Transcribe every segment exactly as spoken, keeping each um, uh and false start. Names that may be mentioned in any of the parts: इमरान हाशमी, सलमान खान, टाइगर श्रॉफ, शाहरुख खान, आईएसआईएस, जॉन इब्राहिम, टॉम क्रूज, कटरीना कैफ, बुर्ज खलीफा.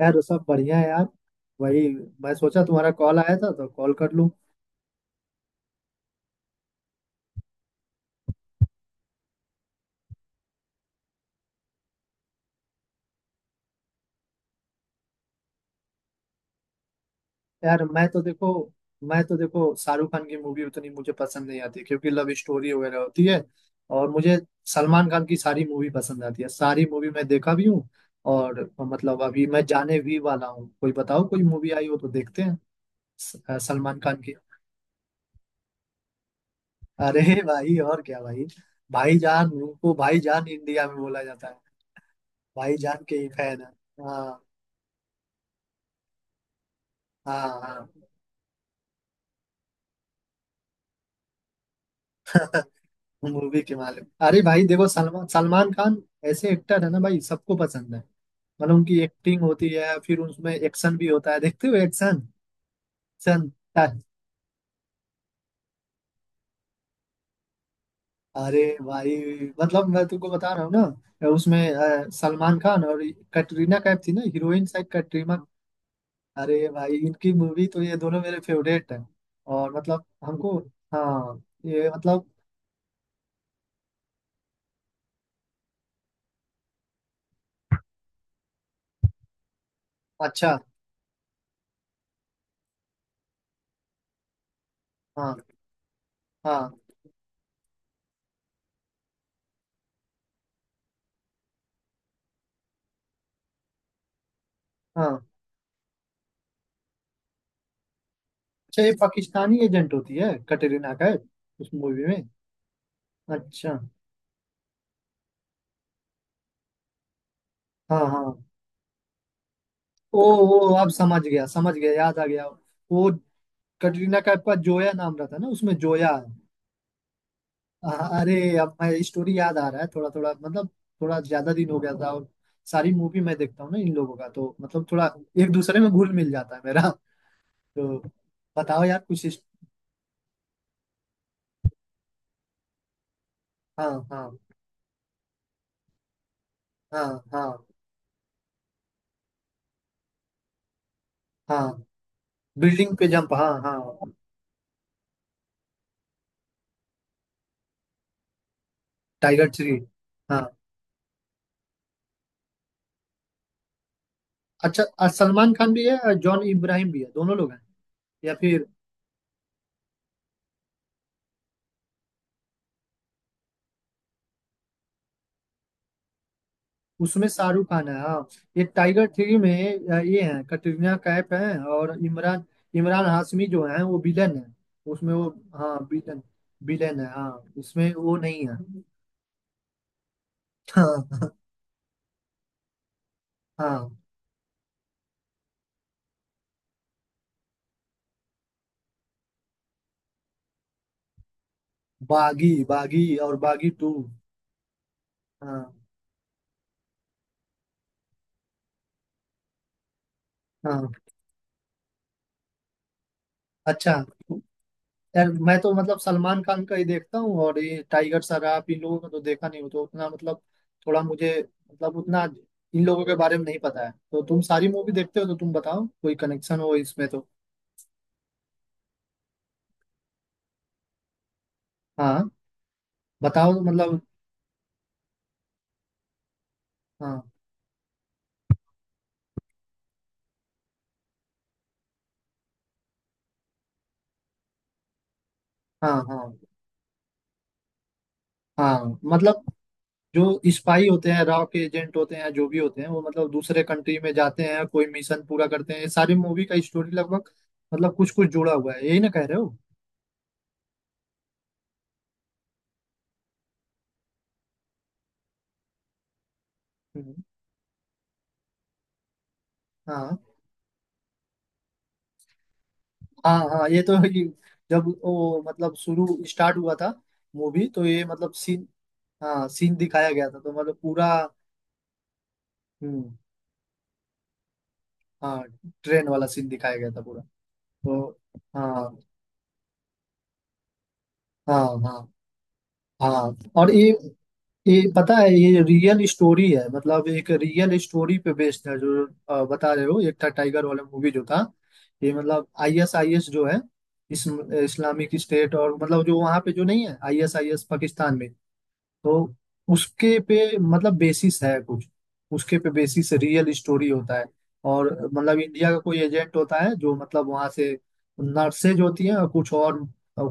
यार सब बढ़िया है यार। वही। मैं सोचा तुम्हारा कॉल आया था तो कॉल कर लूं। यार मैं तो देखो मैं तो देखो शाहरुख खान की मूवी उतनी मुझे पसंद नहीं आती क्योंकि लव स्टोरी वगैरह होती है। और मुझे सलमान खान की सारी मूवी पसंद आती है। सारी मूवी मैं देखा भी हूँ। और मतलब अभी मैं जाने भी वाला हूँ। कोई बताओ कोई मूवी आई हो तो देखते हैं। स- अ, सलमान खान की। अरे भाई और क्या भाई। भाईजान उनको भाईजान इंडिया में बोला जाता है। भाईजान के ही फैन है। हाँ हाँ हाँ। मूवी के मालूम अरे भाई देखो सलमान सलमान खान ऐसे एक्टर है ना भाई। सबको पसंद है। मतलब उनकी एक्टिंग होती है फिर उसमें एक्शन भी होता है। देखते हो एक्शन एक्शन। अरे भाई मतलब मैं तुमको बता रहा हूँ ना उसमें अ, सलमान खान और कटरीना कैफ थी ना हीरोइन शायद कटरीना। अरे भाई इनकी मूवी तो ये दोनों मेरे फेवरेट है। और मतलब हमको। हाँ ये मतलब। अच्छा। हाँ हाँ हाँ। अच्छा ये पाकिस्तानी एजेंट होती है कटरीना कैफ उस मूवी में। अच्छा। हाँ हाँ। ओ ओ अब समझ गया समझ गया याद आ गया। वो कटरीना कैफ का जोया नाम रहता है ना उसमें जोया है। अ- अरे अब मैं स्टोरी याद आ रहा है थोड़ा थोड़ा मतलब थोड़ा ज्यादा दिन हो गया था। और सारी मूवी मैं देखता हूँ ना इन लोगों का तो मतलब थोड़ा एक दूसरे में घुल मिल जाता है मेरा। तो बताओ यार कुछ इस। हाँ हाँ हाँ हाँ। हाँ बिल्डिंग पे जंप हाँ हाँ। Tiger three. हाँ अच्छा अ, सलमान खान भी है और जॉन इब्राहिम भी है दोनों लोग हैं। या फिर उसमें शाहरुख खान है हाँ। ये टाइगर थ्री में अ, ये है कटरीना कैफ है और इमरान। इमरान हाशमी जो है वो विलन है। उसमें वो हाँ विलन विलन है हाँ। इसमें वो नहीं है। हाँ हाँ। बागी बागी और बागी टू। हाँ हाँ। अच्छा यार मैं तो मतलब सलमान खान का ही देखता हूँ। और ये टाइगर श्रॉफ इन लोगों का तो देखा नहीं हो तो उतना मतलब थोड़ा मुझे मतलब उतना इन लोगों के बारे में नहीं पता है। तो तुम सारी मूवी देखते हो तो तुम बताओ कोई कनेक्शन हो इसमें तो। हाँ बताओ तो मतलब। हाँ हाँ हाँ हाँ मतलब जो स्पाई होते हैं रॉ के एजेंट होते हैं जो भी होते हैं वो मतलब दूसरे कंट्री में जाते हैं कोई मिशन पूरा करते हैं। ये सारी मूवी का स्टोरी लगभग मतलब कुछ कुछ जुड़ा हुआ है यही ना कह रहे हो। हम्म। हाँ हाँ हाँ ये तो है कि जब वो मतलब शुरू स्टार्ट हुआ था मूवी तो ये मतलब सीन। हाँ सीन दिखाया गया था तो मतलब पूरा। हम्म। हाँ ट्रेन वाला सीन दिखाया गया था पूरा। तो हाँ हाँ हाँ हाँ। और ये ये पता है ये रियल स्टोरी है मतलब एक रियल स्टोरी पे बेस्ड है। जो अ, बता रहे हो एक था टाइगर वाला मूवी जो था ये मतलब आईएसआईएस जो है इस इस्लामिक स्टेट। और मतलब जो वहाँ पे जो नहीं है आईएसआईएस पाकिस्तान में तो उसके पे मतलब बेसिस है कुछ। उसके पे बेसिस रियल स्टोरी होता है। और मतलब इंडिया का कोई एजेंट होता है जो मतलब वहाँ से नर्सेज होती हैं और कुछ और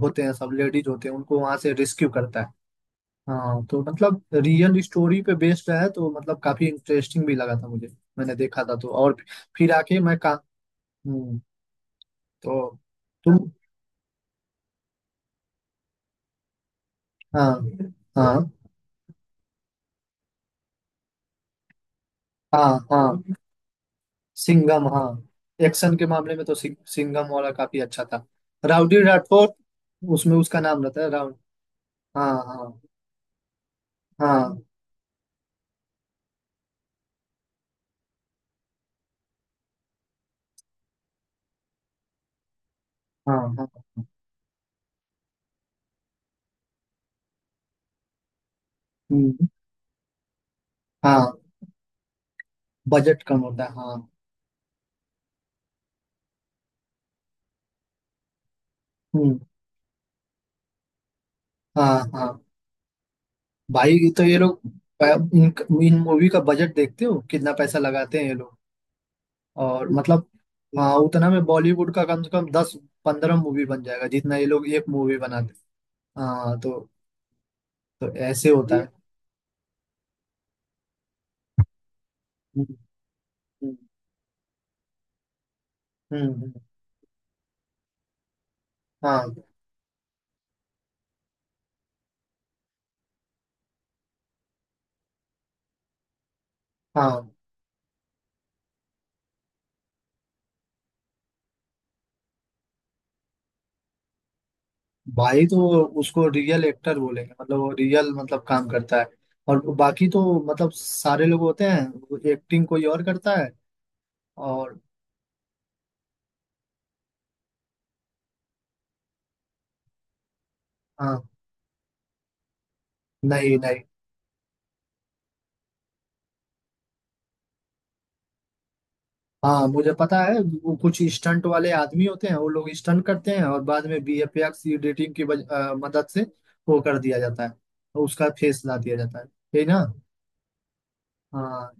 होते हैं सब लेडीज होते हैं उनको वहाँ से रेस्क्यू करता है। हाँ तो मतलब रियल स्टोरी पे बेस्ड है तो मतलब काफी इंटरेस्टिंग भी लगा था मुझे। मैंने देखा था तो और फिर आके मैं का। हम्म। तो तुम। हाँ हाँ हाँ हाँ सिंघम हाँ। एक्शन के मामले में तो सिं, सिंघम वाला काफी अच्छा था। राउडी राठौर उसमें उसका नाम रहता है राउड। हाँ हाँ हाँ हाँ हाँ हाँ। हम्म। हाँ बजट कम होता है हाँ। हम्म। हाँ हाँ भाई तो ये लोग प- इन इन मूवी का बजट देखते हो कितना पैसा लगाते हैं ये लोग। और मतलब हाँ उतना में बॉलीवुड का कम से कम दस पंद्रह मूवी बन जाएगा जितना ये लोग एक मूवी बनाते हैं। हाँ तो तो ऐसे होता है। ये। हम्म हम्म हम्म। हाँ हाँ भाई तो उसको रियल एक्टर बोलेंगे मतलब वो रियल मतलब काम करता है। और बाकी तो मतलब सारे लोग होते हैं एक्टिंग कोई और करता है। और हाँ नहीं नहीं। हाँ मुझे पता है वो कुछ स्टंट वाले आदमी होते हैं वो लोग स्टंट करते हैं और बाद में वीएफएक्स एडिटिंग की वज- अ, मदद से वो कर दिया जाता है। उसका फेस ला दिया जाता है यही ना। हाँ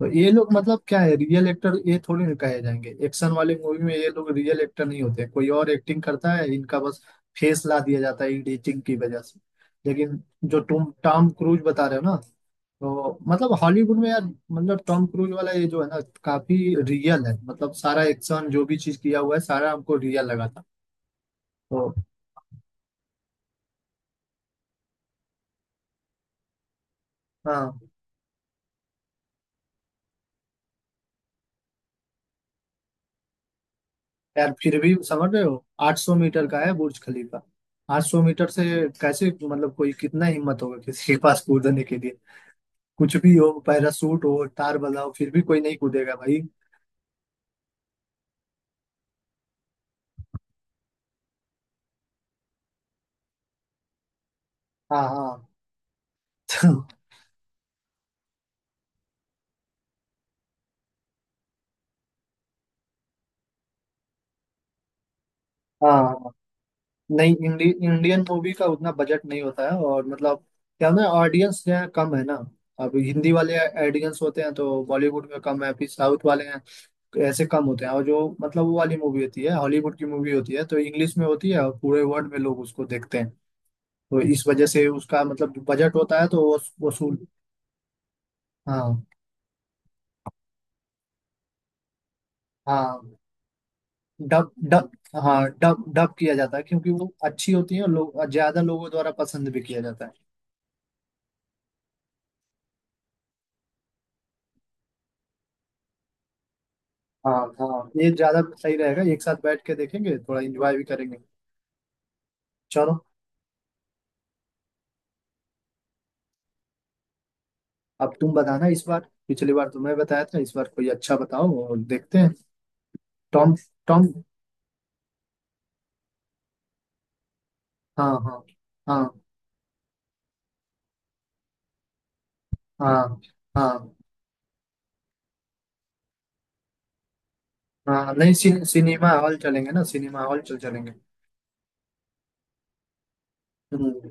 तो ये लोग मतलब क्या है रियल एक्टर ये थोड़ी ना कहे जाएंगे एक्शन वाले मूवी में ये लोग रियल एक्टर नहीं होते कोई और एक्टिंग करता है इनका बस फेस ला दिया जाता है एडिटिंग की वजह से। लेकिन जो तुम टॉम क्रूज बता रहे हो ना तो मतलब हॉलीवुड में यार मतलब टॉम क्रूज वाला ये जो है ना काफी रियल है मतलब सारा एक्शन जो भी चीज किया हुआ है सारा हमको रियल लगा था। तो हाँ यार फिर भी समझ रहे हो आठ सौ मीटर का है बुर्ज खलीफा। आठ सौ मीटर से कैसे मतलब कोई कितना हिम्मत होगा किसी के पास कूदने के लिए। कुछ भी हो पैरासूट हो तार बजाओ फिर भी कोई नहीं कूदेगा भाई। हाँ हाँ हाँ नहीं इंडि, इंडियन मूवी का उतना बजट नहीं होता है और मतलब क्या ना ऑडियंस यहाँ कम है ना। अब हिंदी वाले ऑडियंस होते हैं तो बॉलीवुड में कम है फिर साउथ वाले हैं ऐसे कम होते हैं। और जो मतलब वो वाली मूवी होती है हॉलीवुड की मूवी होती है तो इंग्लिश में होती है और पूरे वर्ल्ड में लोग उसको देखते हैं तो इस वजह से उसका मतलब बजट होता है तो वो वसूल। हाँ हाँ डब डब हाँ डब डब किया जाता है क्योंकि वो अच्छी होती है और लोग ज्यादा लोगों द्वारा पसंद भी किया जाता है। हाँ हाँ ये ज्यादा सही रहेगा एक साथ बैठ के देखेंगे थोड़ा एंजॉय भी करेंगे। चलो। अब तुम बताना इस बार पिछली बार तुमने बताया था इस बार कोई अच्छा बताओ और देखते हैं। टॉम टॉम हाँ हाँ हाँ हाँ हाँ हाँ। नहीं सिने, सिनेमा हॉल चलेंगे ना सिनेमा हॉल चल चलेंगे। हम्म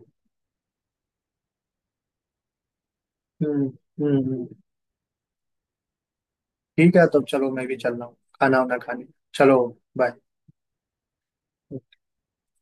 हम्म हम्म हम्म। ठीक है तो चलो मैं भी चल रहा हूँ खाना वाना खाने। चलो। बाय।